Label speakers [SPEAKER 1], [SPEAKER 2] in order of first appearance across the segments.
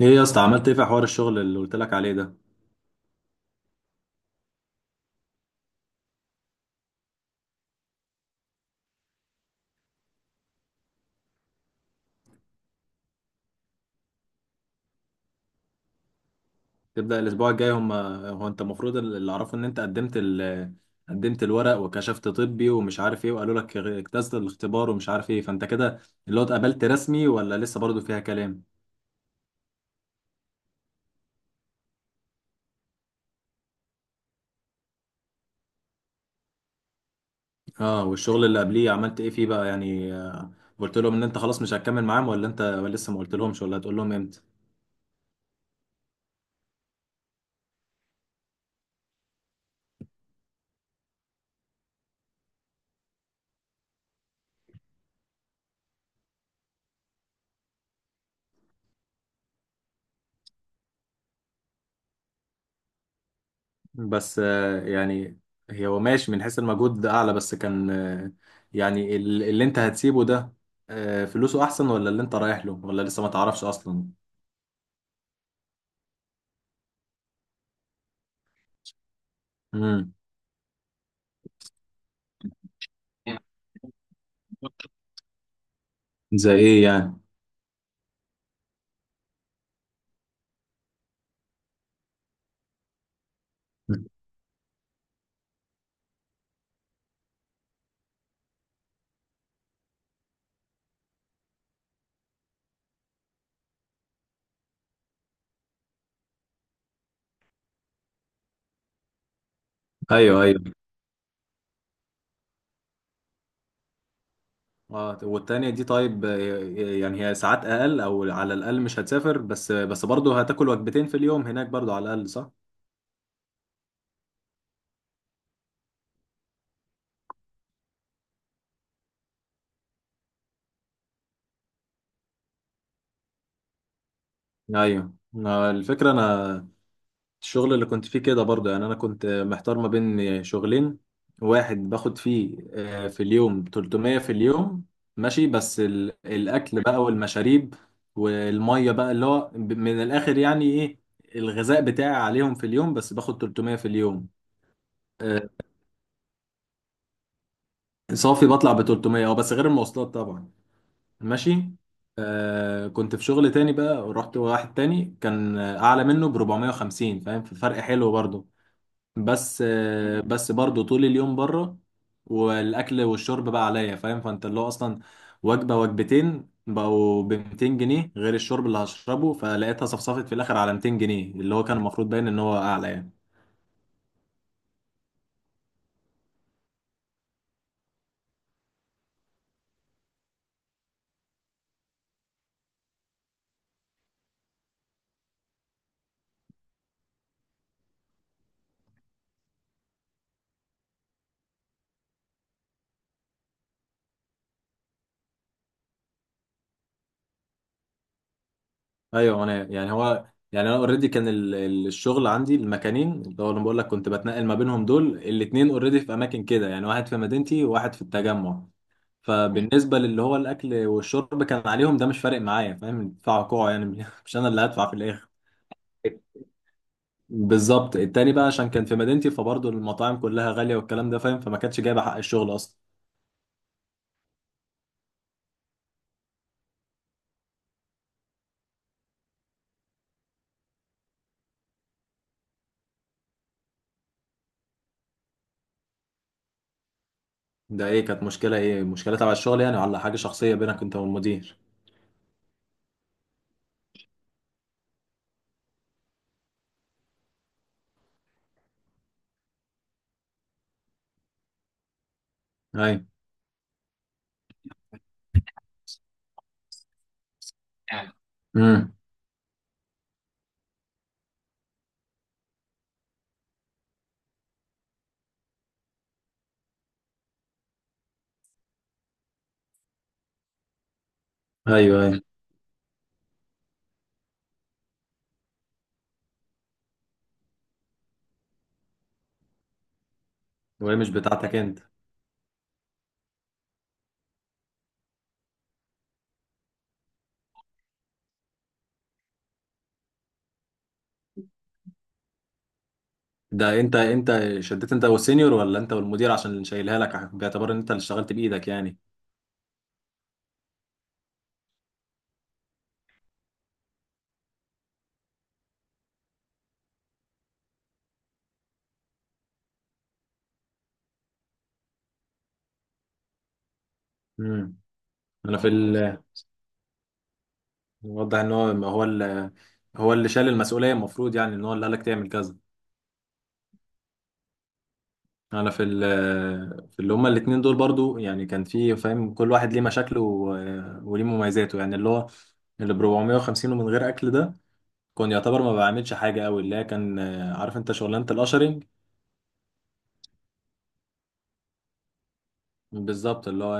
[SPEAKER 1] ايه يا اسطى، عملت ايه في حوار الشغل اللي قلت لك عليه ده؟ تبدأ الاسبوع الجاي؟ هم، هو انت المفروض اللي اعرفه ان انت قدمت قدمت الورق وكشفت طبي ومش عارف ايه، وقالوا لك اجتزت الاختبار ومش عارف ايه، فانت كده اللي هو اتقبلت رسمي ولا لسه برضو فيها كلام؟ اه، والشغل اللي قبليه عملت ايه فيه بقى؟ يعني قلت لهم ان انت خلاص مش هتكمل معاهم، ولا انت لسه ما قلت لهمش، ولا هتقول لهم امتى؟ بس آه، يعني هي، هو ماشي من حيث المجهود، ده اعلى، بس كان يعني اللي انت هتسيبه ده، فلوسه احسن، ولا اللي انت رايح له، ولا لسه ما تعرفش اصلا؟ امم. زي ايه يعني؟ ايوه ايوه. اه، والتانية دي طيب، يعني هي ساعات اقل، او على الاقل مش هتسافر، بس برضه هتاكل وجبتين في اليوم هناك برضه على الاقل، صح؟ ايوه. الفكرة، انا الشغل اللي كنت فيه كده برضه، يعني انا كنت محتار ما بين شغلين. واحد باخد فيه في اليوم 300 في اليوم، ماشي، بس الاكل بقى والمشاريب والميه بقى اللي هو من الاخر يعني ايه، الغذاء بتاعي عليهم في اليوم، بس باخد 300 في اليوم. آه، صافي بطلع ب 300، اه، بس غير المواصلات طبعا، ماشي. آه، كنت في شغل تاني بقى، ورحت واحد تاني كان اعلى منه ب 450، فاهم؟ في فرق حلو برضه، بس برضو طول اليوم بره، والاكل والشرب بقى عليا، فاهم؟ فانت اللي هو اصلا وجبه وجبتين بقوا ب 200 جنيه غير الشرب اللي هشربه، فلقيتها صفصفت في الاخر على 200 جنيه، اللي هو كان المفروض باين ان هو اعلى يعني. ايوه، انا يعني هو، يعني انا اوريدي كان الشغل عندي، المكانين اللي هو انا بقول لك كنت بتنقل ما بينهم دول الاتنين اوريدي في اماكن كده يعني، واحد في مدينتي وواحد في التجمع. فبالنسبة للي هو الأكل والشرب كان عليهم ده، مش فارق معايا، فاهم؟ يدفعوا كوع يعني، مش أنا اللي هدفع في الآخر. بالظبط. التاني بقى، عشان كان في مدينتي، فبرضه المطاعم كلها غالية والكلام ده فاهم، فما كانتش جايبة حق الشغل أصلا. ده إيه، كانت مشكلة إيه؟ مشكلة تبع الشغل يعني، ولا حاجة شخصية بينك أنت والمدير؟ أيوة. يعني، امم. أيوه أيوه. وهي مش بتاعتك أنت؟ ده أنت، أنت شديت أنت والسينيور، ولا أنت والمدير عشان اللي شايلها لك باعتبار إن أنت اللي اشتغلت بإيدك يعني؟ امم. أنا في ال... واضح ان هو، ما هو اللي، هو اللي شال المسؤوليه المفروض، يعني ان هو اللي قالك تعمل كذا. انا في ال... في اللي هما الاتنين دول برضو، يعني كان في فاهم كل واحد ليه مشاكله وليه مميزاته، يعني اللي هو اللي ب 450 ومن غير اكل ده، كان يعتبر ما بعملش حاجه قوي، اللي هي كان عارف انت شغلانه القشري. بالظبط. اللي هو،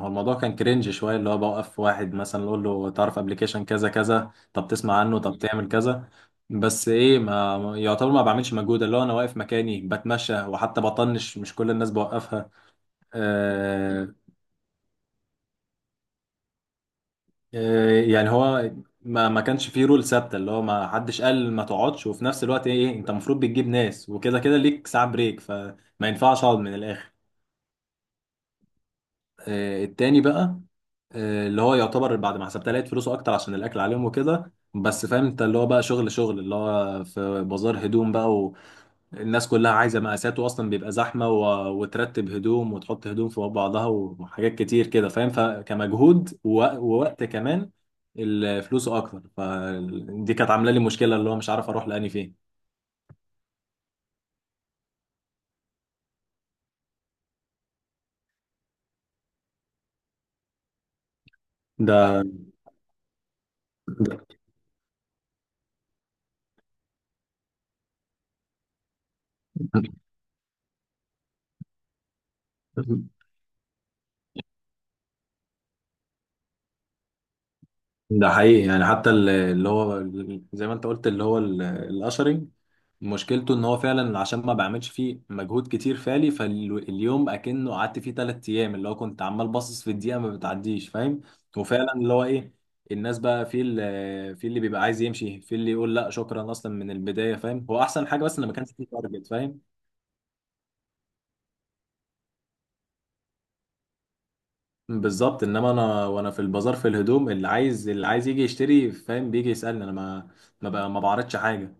[SPEAKER 1] هو الموضوع كان كرنج شويه، اللي هو بوقف واحد مثلا اقول له تعرف ابلكيشن كذا كذا، طب تسمع عنه، طب تعمل كذا. بس ايه، ما يعتبر ما بعملش مجهود، اللي هو انا واقف مكاني بتمشى، وحتى بطنش مش كل الناس بوقفها. آه، آه، يعني هو ما ما كانش فيه رول ثابته، اللي هو ما حدش قال ما تقعدش، وفي نفس الوقت ايه إيه، انت المفروض بتجيب ناس وكده، كده ليك ساعه بريك، فما ينفعش اقعد من الاخر. التاني بقى، اللي هو يعتبر بعد ما حسبتها لقيت فلوسه اكتر، عشان الاكل عليهم وكده، بس فاهم انت اللي هو بقى شغل اللي هو في بازار هدوم بقى، والناس كلها عايزه مقاسات، واصلا بيبقى زحمه وترتب هدوم وتحط هدوم في بعضها، وحاجات كتير كده فاهم، فكمجهود ووقت كمان، الفلوس اكتر، فدي كانت عامله لي مشكله، اللي هو مش عارف اروح لاني فين. ده، ده حقيقي يعني، حتى اللي هو زي ما انت قلت، اللي هو الاشرنج مشكلته ان هو فعلا، عشان ما بعملش فيه مجهود كتير فعلي، فاليوم اكنه قعدت فيه ثلاث ايام، اللي هو كنت عمال باصص في الدقيقه ما بتعديش فاهم. وفعلا اللي هو ايه، الناس بقى في اللي بيبقى عايز يمشي، في اللي يقول لا شكرا اصلا من البدايه، فاهم هو احسن حاجه، بس ان ما كانش فيه تارجت فاهم. بالظبط. انما انا وانا في البازار، في الهدوم، اللي عايز يجي يشتري فاهم، بيجي يسالني انا، ما بقى ما بعرضش حاجه.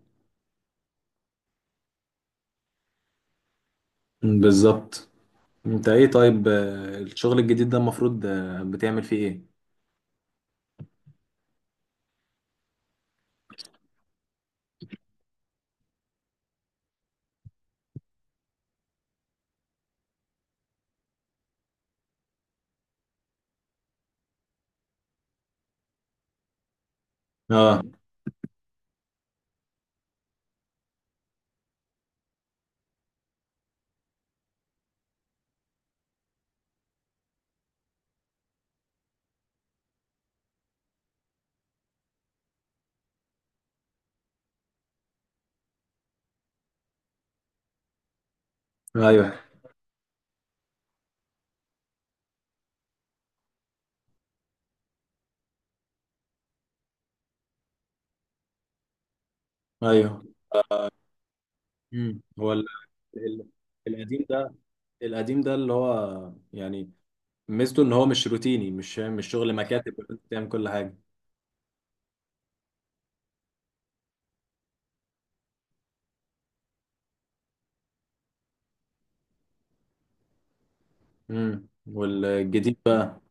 [SPEAKER 1] بالظبط. انت ايه طيب، الشغل الجديد ده المفروض بتعمل فيه ايه؟ اه، ايوه ايوه. امم. هو ال- القديم ده، القديم ده اللي هو يعني ميزته ان هو مش روتيني، مش شغل مكاتب، وانت بتعمل كل حاجه. امم. والجديد بقى؟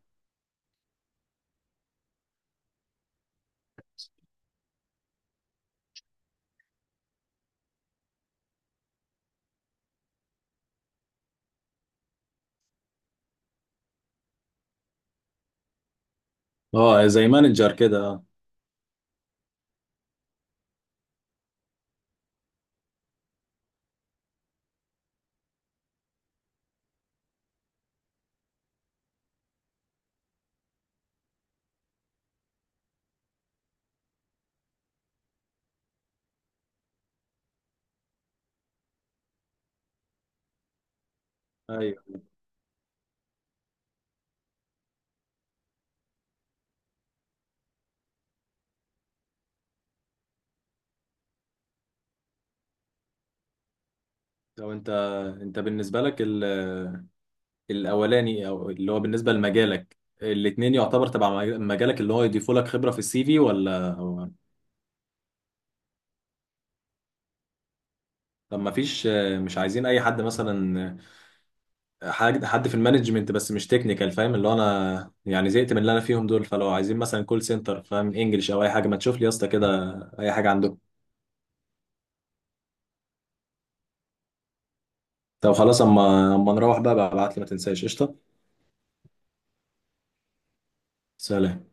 [SPEAKER 1] اه، زي مانجر كده، اه. ايوه. طب انت، انت بالنسبه لك الاولاني او اللي هو بالنسبه لمجالك، الاتنين يعتبر تبع مجالك اللي هو يضيفوا لك خبره في السي في ولا؟ طب ما فيش، مش عايزين اي حد مثلا، حد في المانجمنت بس مش تكنيكال، فاهم اللي هو انا يعني زهقت من اللي انا فيهم دول، فلو عايزين مثلا كول سنتر فاهم انجلش او اي حاجه، ما تشوف لي يا اسطى كده، اي حاجه عندكم. طب خلاص، اما نروح بقى ببعت لي، ما تنساش قشطه. سلام.